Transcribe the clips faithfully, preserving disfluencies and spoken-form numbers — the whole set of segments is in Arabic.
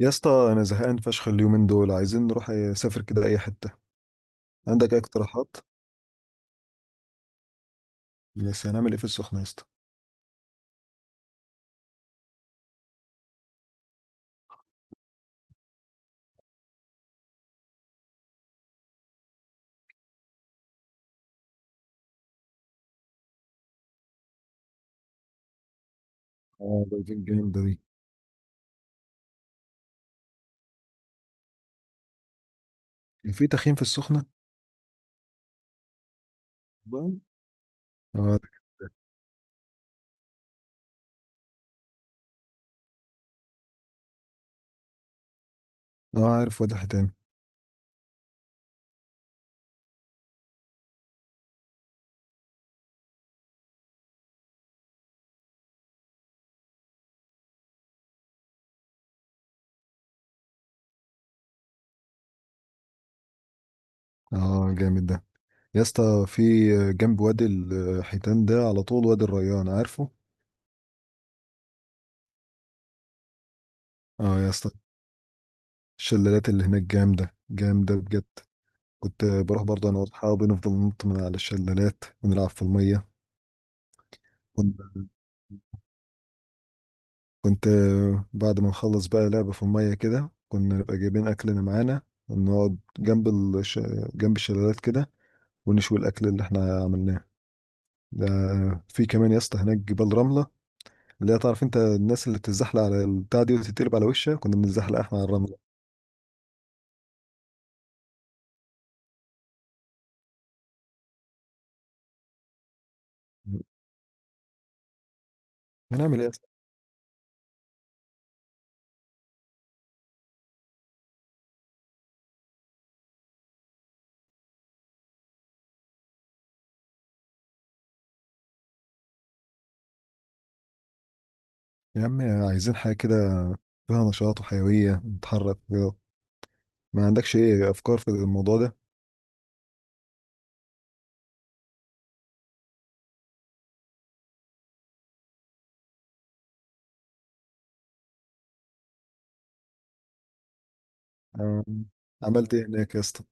يا اسطى انا زهقان فشخ اليومين دول عايزين نروح نسافر كده اي حته. عندك اي اقتراحات؟ بس هنعمل ايه في السخنه يا اسطى؟ اه، ده الفيب جامد ده دي. في تخييم في السخنه بقى؟ اه. اه، عارف وادي حيتان. اه جامد ده. يا اسطى، في جنب وادي الحيتان ده على طول وادي الريان عارفه؟ اه يا اسطى، الشلالات اللي هناك جامده جامده بجد. كنت بروح برضه انا واصحابي نفضل ننط من على الشلالات ونلعب في الميه. كنت آه، بعد ما نخلص بقى لعبة في المية كده كنا نبقى جايبين أكلنا معانا نقعد جنب الش... جنب الشلالات كده ونشوي الأكل اللي احنا عملناه ده. في كمان يا اسطى هناك جبال رملة، اللي هي تعرف انت الناس اللي بتتزحلق على البتاع دي وتتقلب على وشها، كنا بنتزحلق احنا على الرملة. هنعمل ايه يا اسطى؟ يا عم، عايزين حاجة كده فيها نشاط وحيوية نتحرك كده. ما عندكش ايه أفكار في الموضوع ده؟ آه، عملت ايه هناك يا اسطى؟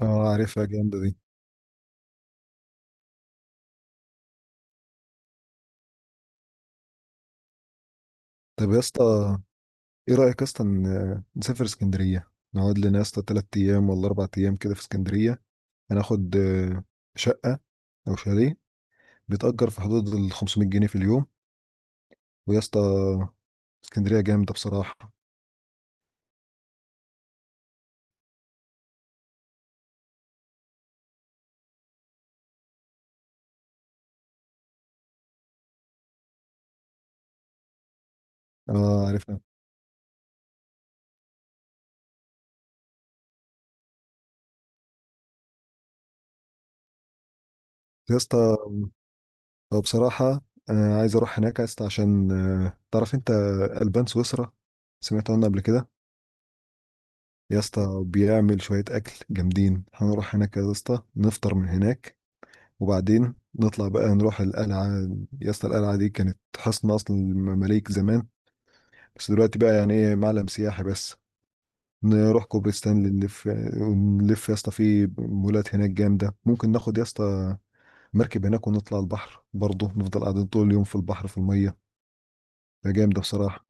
اه عارفها جامدة دي. طب يا اسطى، ايه رأيك اصلا نسافر اسكندرية؟ نقعد لنا يا اسطى تلات ايام ولا اربع ايام كده في اسكندرية. هناخد آه، شقة او شاليه بيتأجر في حدود ال خمس ميت جنيه في اليوم. ويا اسطى، اسكندرية جامدة بصراحة. اه عارفها. يا اسطى آه، بصراحة انا عايز اروح هناك يا اسطى، عشان آه، تعرف انت البان سويسرا، سمعت عنه قبل كده. يا اسطى بيعمل شوية اكل جامدين، هنروح هناك يا اسطى نفطر من هناك، وبعدين نطلع بقى نروح القلعة. يا اسطى القلعة دي كانت حصن أصل المماليك زمان، بس دلوقتي بقى يعني إيه معلم سياحي بس. نروح كوبري ستانلي نلف، ونلف يا اسطى في مولات هناك جامدة. ممكن ناخد يا اسطى مركب هناك ونطلع البحر برضه، نفضل قاعدين طول اليوم في البحر في المية. ده جامدة بصراحة.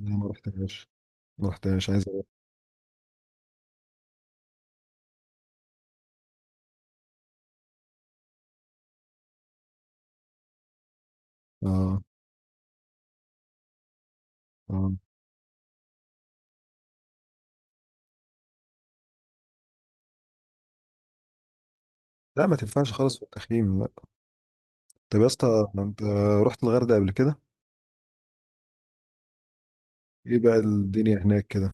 لا ما رحتهاش. ما رحتهاش عايز أروح. آه. آه. لا، ما تنفعش خالص في التخييم، لا. طب يا اسطى، انت رحت الغردقة قبل كده؟ ايه بقى الدنيا هناك كده؟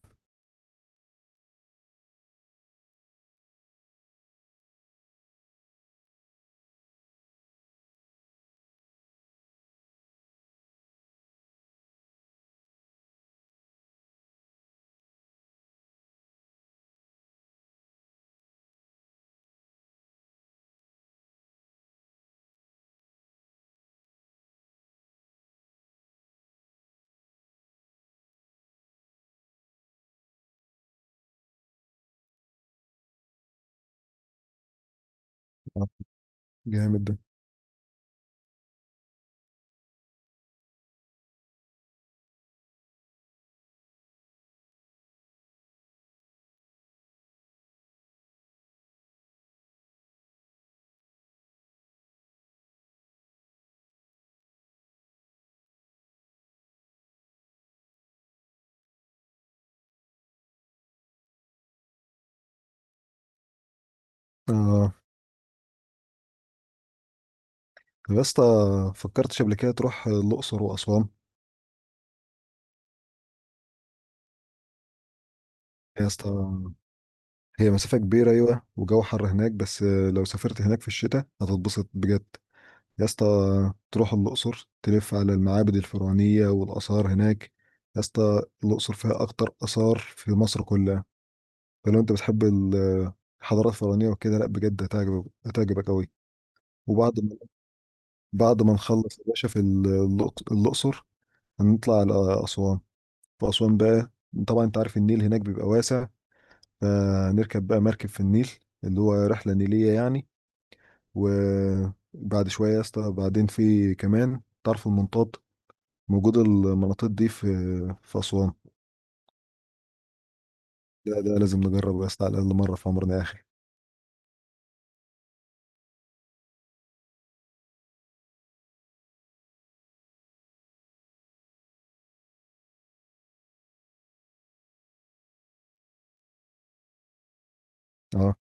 آه، جامد ده. اه. طب يا اسطى، فكرتش قبل كده تروح الأقصر وأسوان؟ يا اسطى، هي مسافة كبيرة أيوة وجو حر هناك، بس لو سافرت هناك في الشتاء هتتبسط بجد. يا اسطى تروح الأقصر تلف على المعابد الفرعونية والآثار هناك. يا اسطى الأقصر فيها أكتر آثار في مصر كلها. فلو أنت بتحب ال- الحضارات الفرعونية وكده، لأ بجد هتعجبك هتعجبك أوي. وبعد ما بعد ما نخلص يا باشا في ال- الأقصر، هنطلع على أسوان. في أسوان بقى، طبعا أنت عارف النيل هناك بيبقى واسع. آه، نركب بقى مركب في النيل، اللي هو رحلة نيلية يعني. وبعد شوية يا اسطى بعدين في كمان طرف المنطاد موجود، المناطيد دي في في أسوان. لا ده لازم نجربه يا اسطى، على الأقل مرة في عمرنا يا أخي. اه.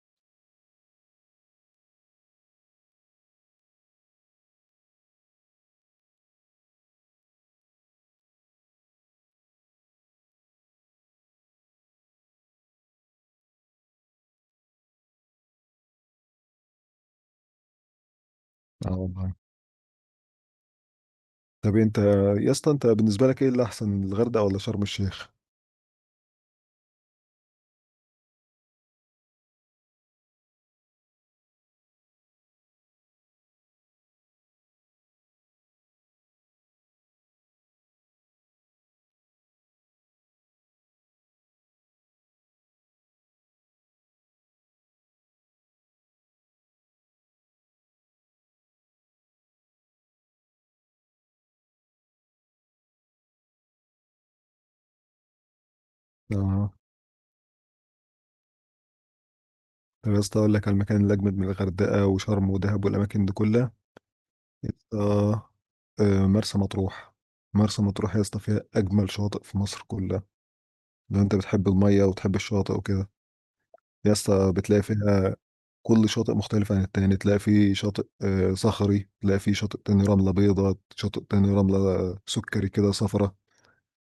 اه والله. طب انت يا اسطى، انت بالنسبة لك ايه اللي أحسن، الغردقة ولا شرم الشيخ؟ اه. طب يا اسطى أقول لك على المكان اللي أجمد من الغردقة وشرم ودهب والأماكن دي كلها. يا اسطى آه، مرسى مطروح. مرسى مطروح يا اسطى فيها أجمل شواطئ في مصر كلها. لو أنت بتحب المَيّة وتحب الشاطئ وكده، يا اسطى بتلاقي فيها كل شاطئ مختلف عن التاني. تلاقي في شاطئ آآ صخري، تلاقي في شاطئ تاني رملة بيضا، شاطئ تاني رملة سُكّري كده صفرا.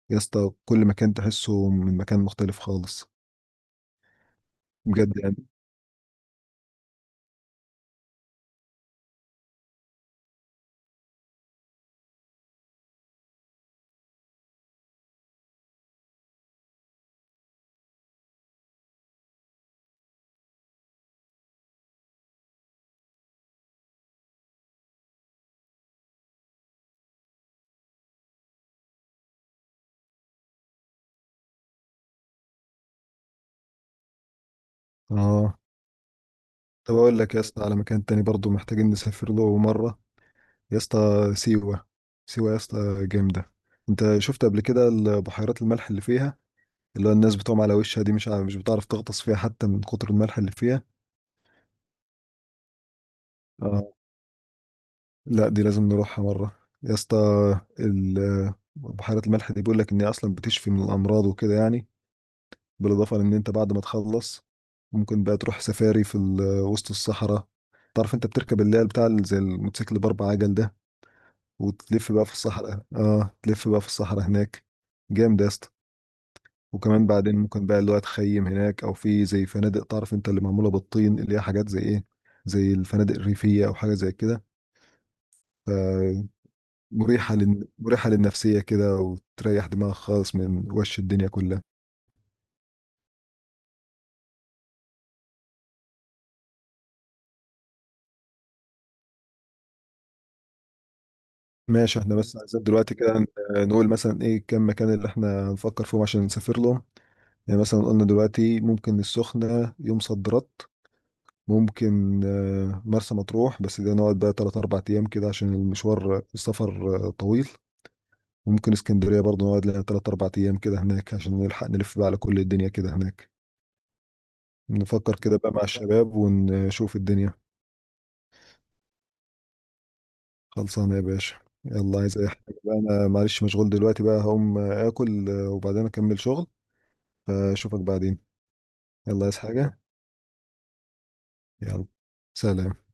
يا اسطى كل مكان تحسّه من مكان مختلف خالص، بجد يعني. آه. طَب أقول لك يا اسطى على مكان تاني برضه محتاجين نسافر له مرّة. يا اسطى سيوة. سيوة يا اسطى جامدة. أنت شُفت قبل كده ال بحيرات الملح اللي فيها، اللي هو الناس بتقوم على وشها دي، مش ع مش بتعرف تغطس فيها حتى من كتر الملح اللي فيها؟ آه. لأ دي لازم نروحها مرة، يا اسطى. ال بحيرة الملح دي بيقول لك إن هي أصلًا بتشفي من الأمراض وكده يعني. بالإضافة لإن أنت بعد ما تخلّص، ممكن بقى تروح سفاري في ال وسط الصحرا. تعرف أنت بتركب اللي هي البتاع ال زي الموتوسيكل ب4 عجل ده، وتلف بقى في الصحرا، آه، تلف بقى في الصحرا هناك. جامد يا اسطى. وكمان بعدين ممكن بقى اللي هو تخيّم هناك، أو في زي فنادق تعرف أنت اللي معمولة بالطين، اللي هي حاجات زي إيه، زي الفنادق الريفية أو حاجة زي كده. ف مريحة لل... مريحة للنفسية كده وتريح دماغك خالص من وش الدنيا كلها. ماشي، احنا بس عايزين دلوقتي كده ن- نقول مثلا ايه كم مكان اللي احنا هنفكر فيهم عشان نسافر لهم. يعني مثلا قلنا دلوقتي ممكن السخنة يوم صد رد، ممكن آه، مرسى مطروح بس ده نقعد بقى تلات أربع أيام كده عشان المشوار السفر آه، طويل. وممكن اسكندرية برضه نقعد لنا تلات أربع أيام كده هناك عشان نلحق نلف بقى على كل الدنيا كده هناك. نفكر كده بقى مع الشباب ونشوف الدنيا. خلصانة يا باشا. يلا، عايز اي حاجة بقى؟ انا معلش مشغول دلوقتي بقى، هقوم اكل آه، وبعدين اكمل شغل. فاشوفك بعدين. يلا، عايز حاجة؟ يلا. سلام.